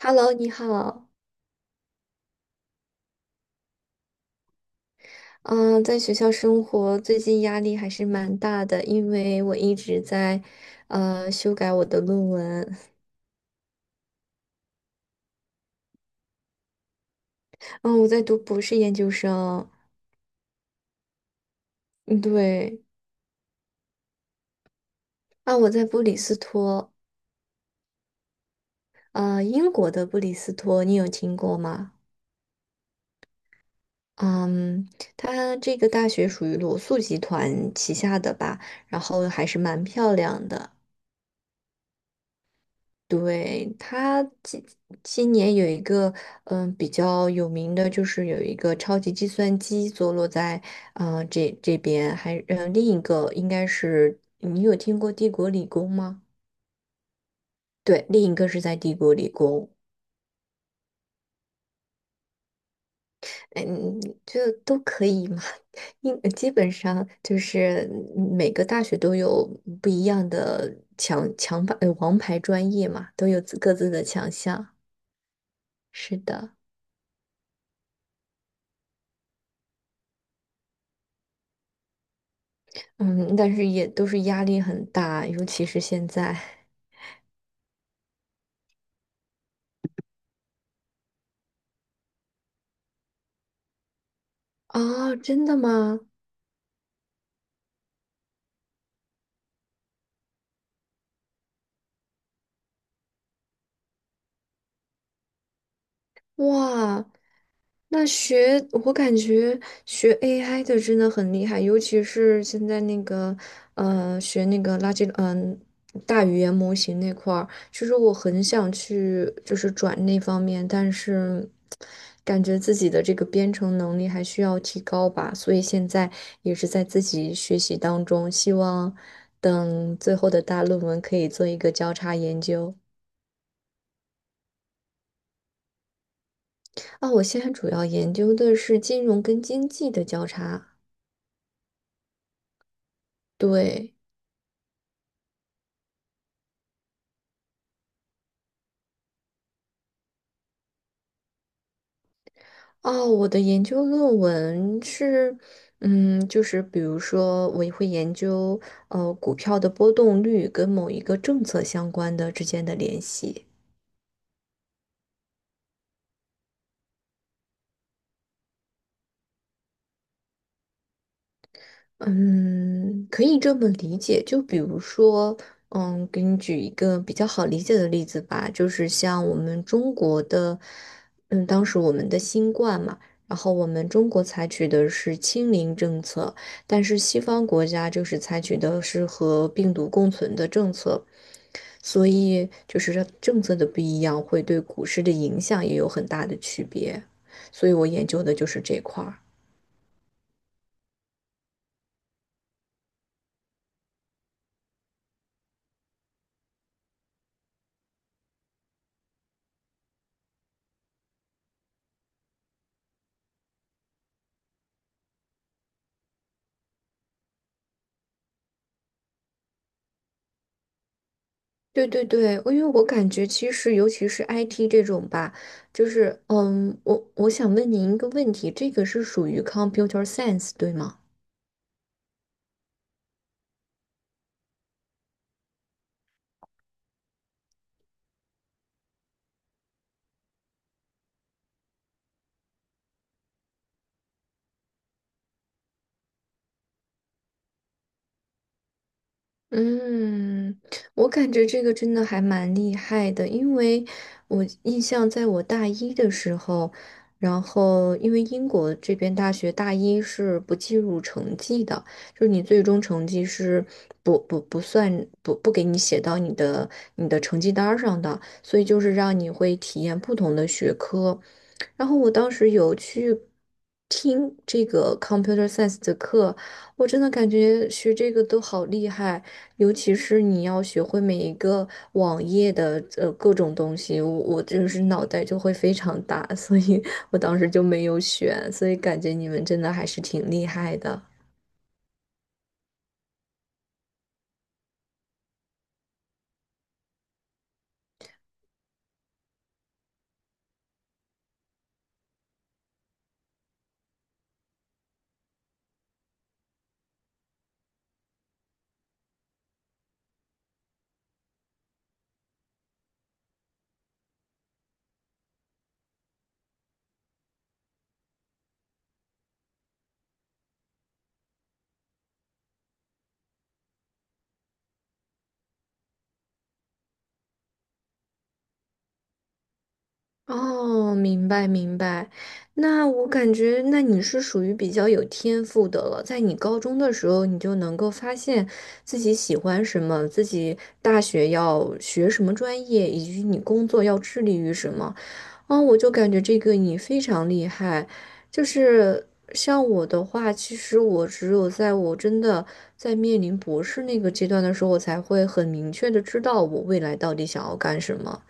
Hello，你好。嗯，在学校生活最近压力还是蛮大的，因为我一直在修改我的论文。嗯，我在读博士研究生。嗯，对。啊，我在布里斯托，英国的布里斯托，你有听过吗？嗯，它这个大学属于罗素集团旗下的吧，然后还是蛮漂亮的。对，他今年有一个比较有名的，就是有一个超级计算机坐落在这边，还另一个应该是你有听过帝国理工吗？对，另一个是在帝国理工，哎，就都可以嘛，因基本上就是每个大学都有不一样的强强牌呃王牌专业嘛，都有自各自的强项。是的。嗯，但是也都是压力很大，尤其是现在啊，真的吗？哇，那我感觉学 AI 的真的很厉害，尤其是现在那个呃学那个垃圾嗯、大语言模型那块儿，其实我很想去就是转那方面，但是感觉自己的这个编程能力还需要提高吧，所以现在也是在自己学习当中，希望等最后的大论文可以做一个交叉研究。啊，我现在主要研究的是金融跟经济的交叉。对，哦，我的研究论文是，嗯，就是比如说，我会研究股票的波动率跟某一个政策相关的之间的联系。嗯，可以这么理解。就比如说，嗯，给你举一个比较好理解的例子吧，就是像我们中国的，嗯，当时我们的新冠嘛，然后我们中国采取的是清零政策，但是西方国家就是采取的是和病毒共存的政策，所以就是这政策的不一样，会对股市的影响也有很大的区别。所以我研究的就是这块儿。对对对，因为我感觉其实，尤其是 IT 这种吧，就是嗯，我想问您一个问题，这个是属于 computer science 对吗？嗯，我感觉这个真的还蛮厉害的，因为我印象在我大一的时候，然后因为英国这边大学大一是不计入成绩的，就是你最终成绩是不不不算不不给你写到你的成绩单儿上的，所以就是让你会体验不同的学科。然后我当时有去听这个 computer science 的课，我真的感觉学这个都好厉害。尤其是你要学会每一个网页的各种东西，我就是脑袋就会非常大，所以我当时就没有选，所以感觉你们真的还是挺厉害的。哦，明白明白。那我感觉，那你是属于比较有天赋的了，在你高中的时候，你就能够发现自己喜欢什么，自己大学要学什么专业，以及你工作要致力于什么。啊，我就感觉这个你非常厉害，就是像我的话，其实我只有在我真的在面临博士那个阶段的时候，我才会很明确的知道我未来到底想要干什么。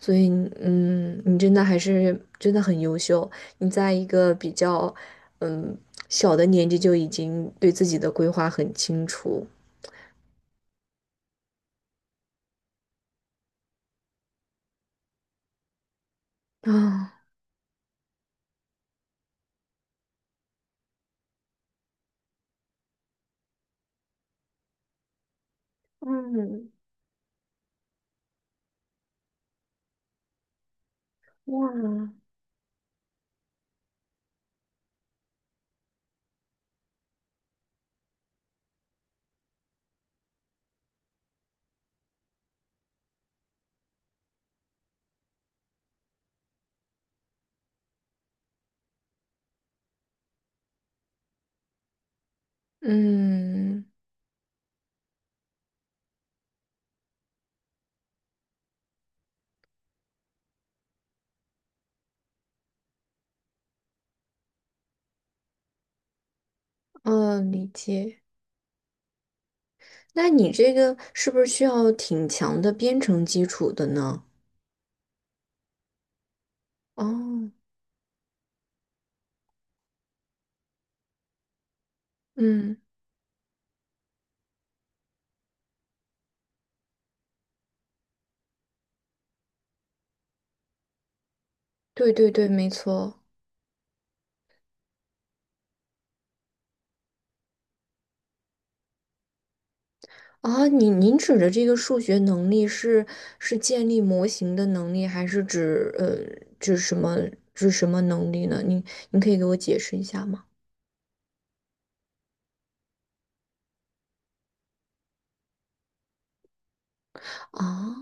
所以，嗯，你真的还是真的很优秀，你在一个比较嗯小的年纪就已经对自己的规划很清楚啊。嗯，嗯嗯，理解。那你这个是不是需要挺强的编程基础的呢？哦，嗯，对对对，没错。啊，您指的这个数学能力是是建立模型的能力，还是指指什么指什么能力呢？您可以给我解释一下吗？啊，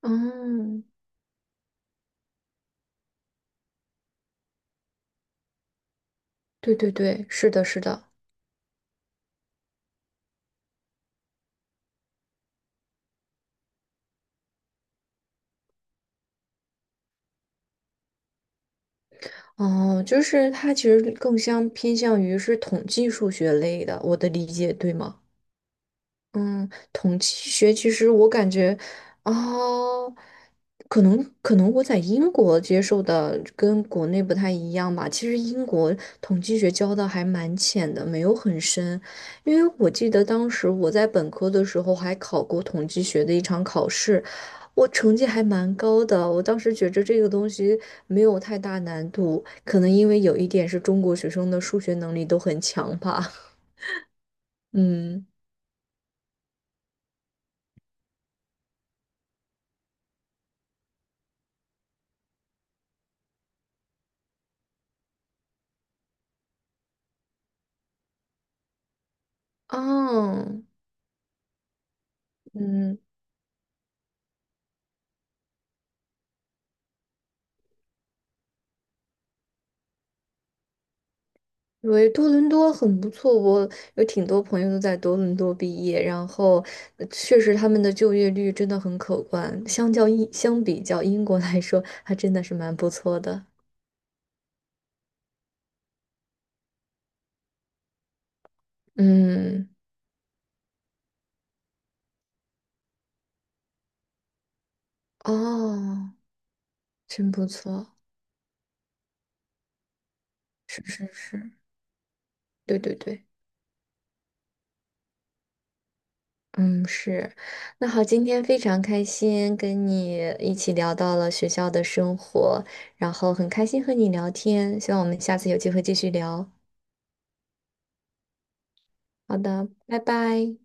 嗯，对对对，是的，是的。哦，就是它其实更像偏向于是统计数学类的，我的理解对吗？嗯，统计学其实我感觉，哦，可能我在英国接受的跟国内不太一样吧。其实英国统计学教的还蛮浅的，没有很深。因为我记得当时我在本科的时候还考过统计学的一场考试，我成绩还蛮高的。我当时觉着这个东西没有太大难度，可能因为有一点是中国学生的数学能力都很强吧。嗯，哦。嗯，因为多伦多很不错，我有挺多朋友都在多伦多毕业，然后确实他们的就业率真的很可观，相比较英国来说，还真的是蛮不错的。嗯，哦，真不错，是是是，对对对，嗯是。那好，今天非常开心跟你一起聊到了学校的生活，然后很开心和你聊天，希望我们下次有机会继续聊。好的，拜拜。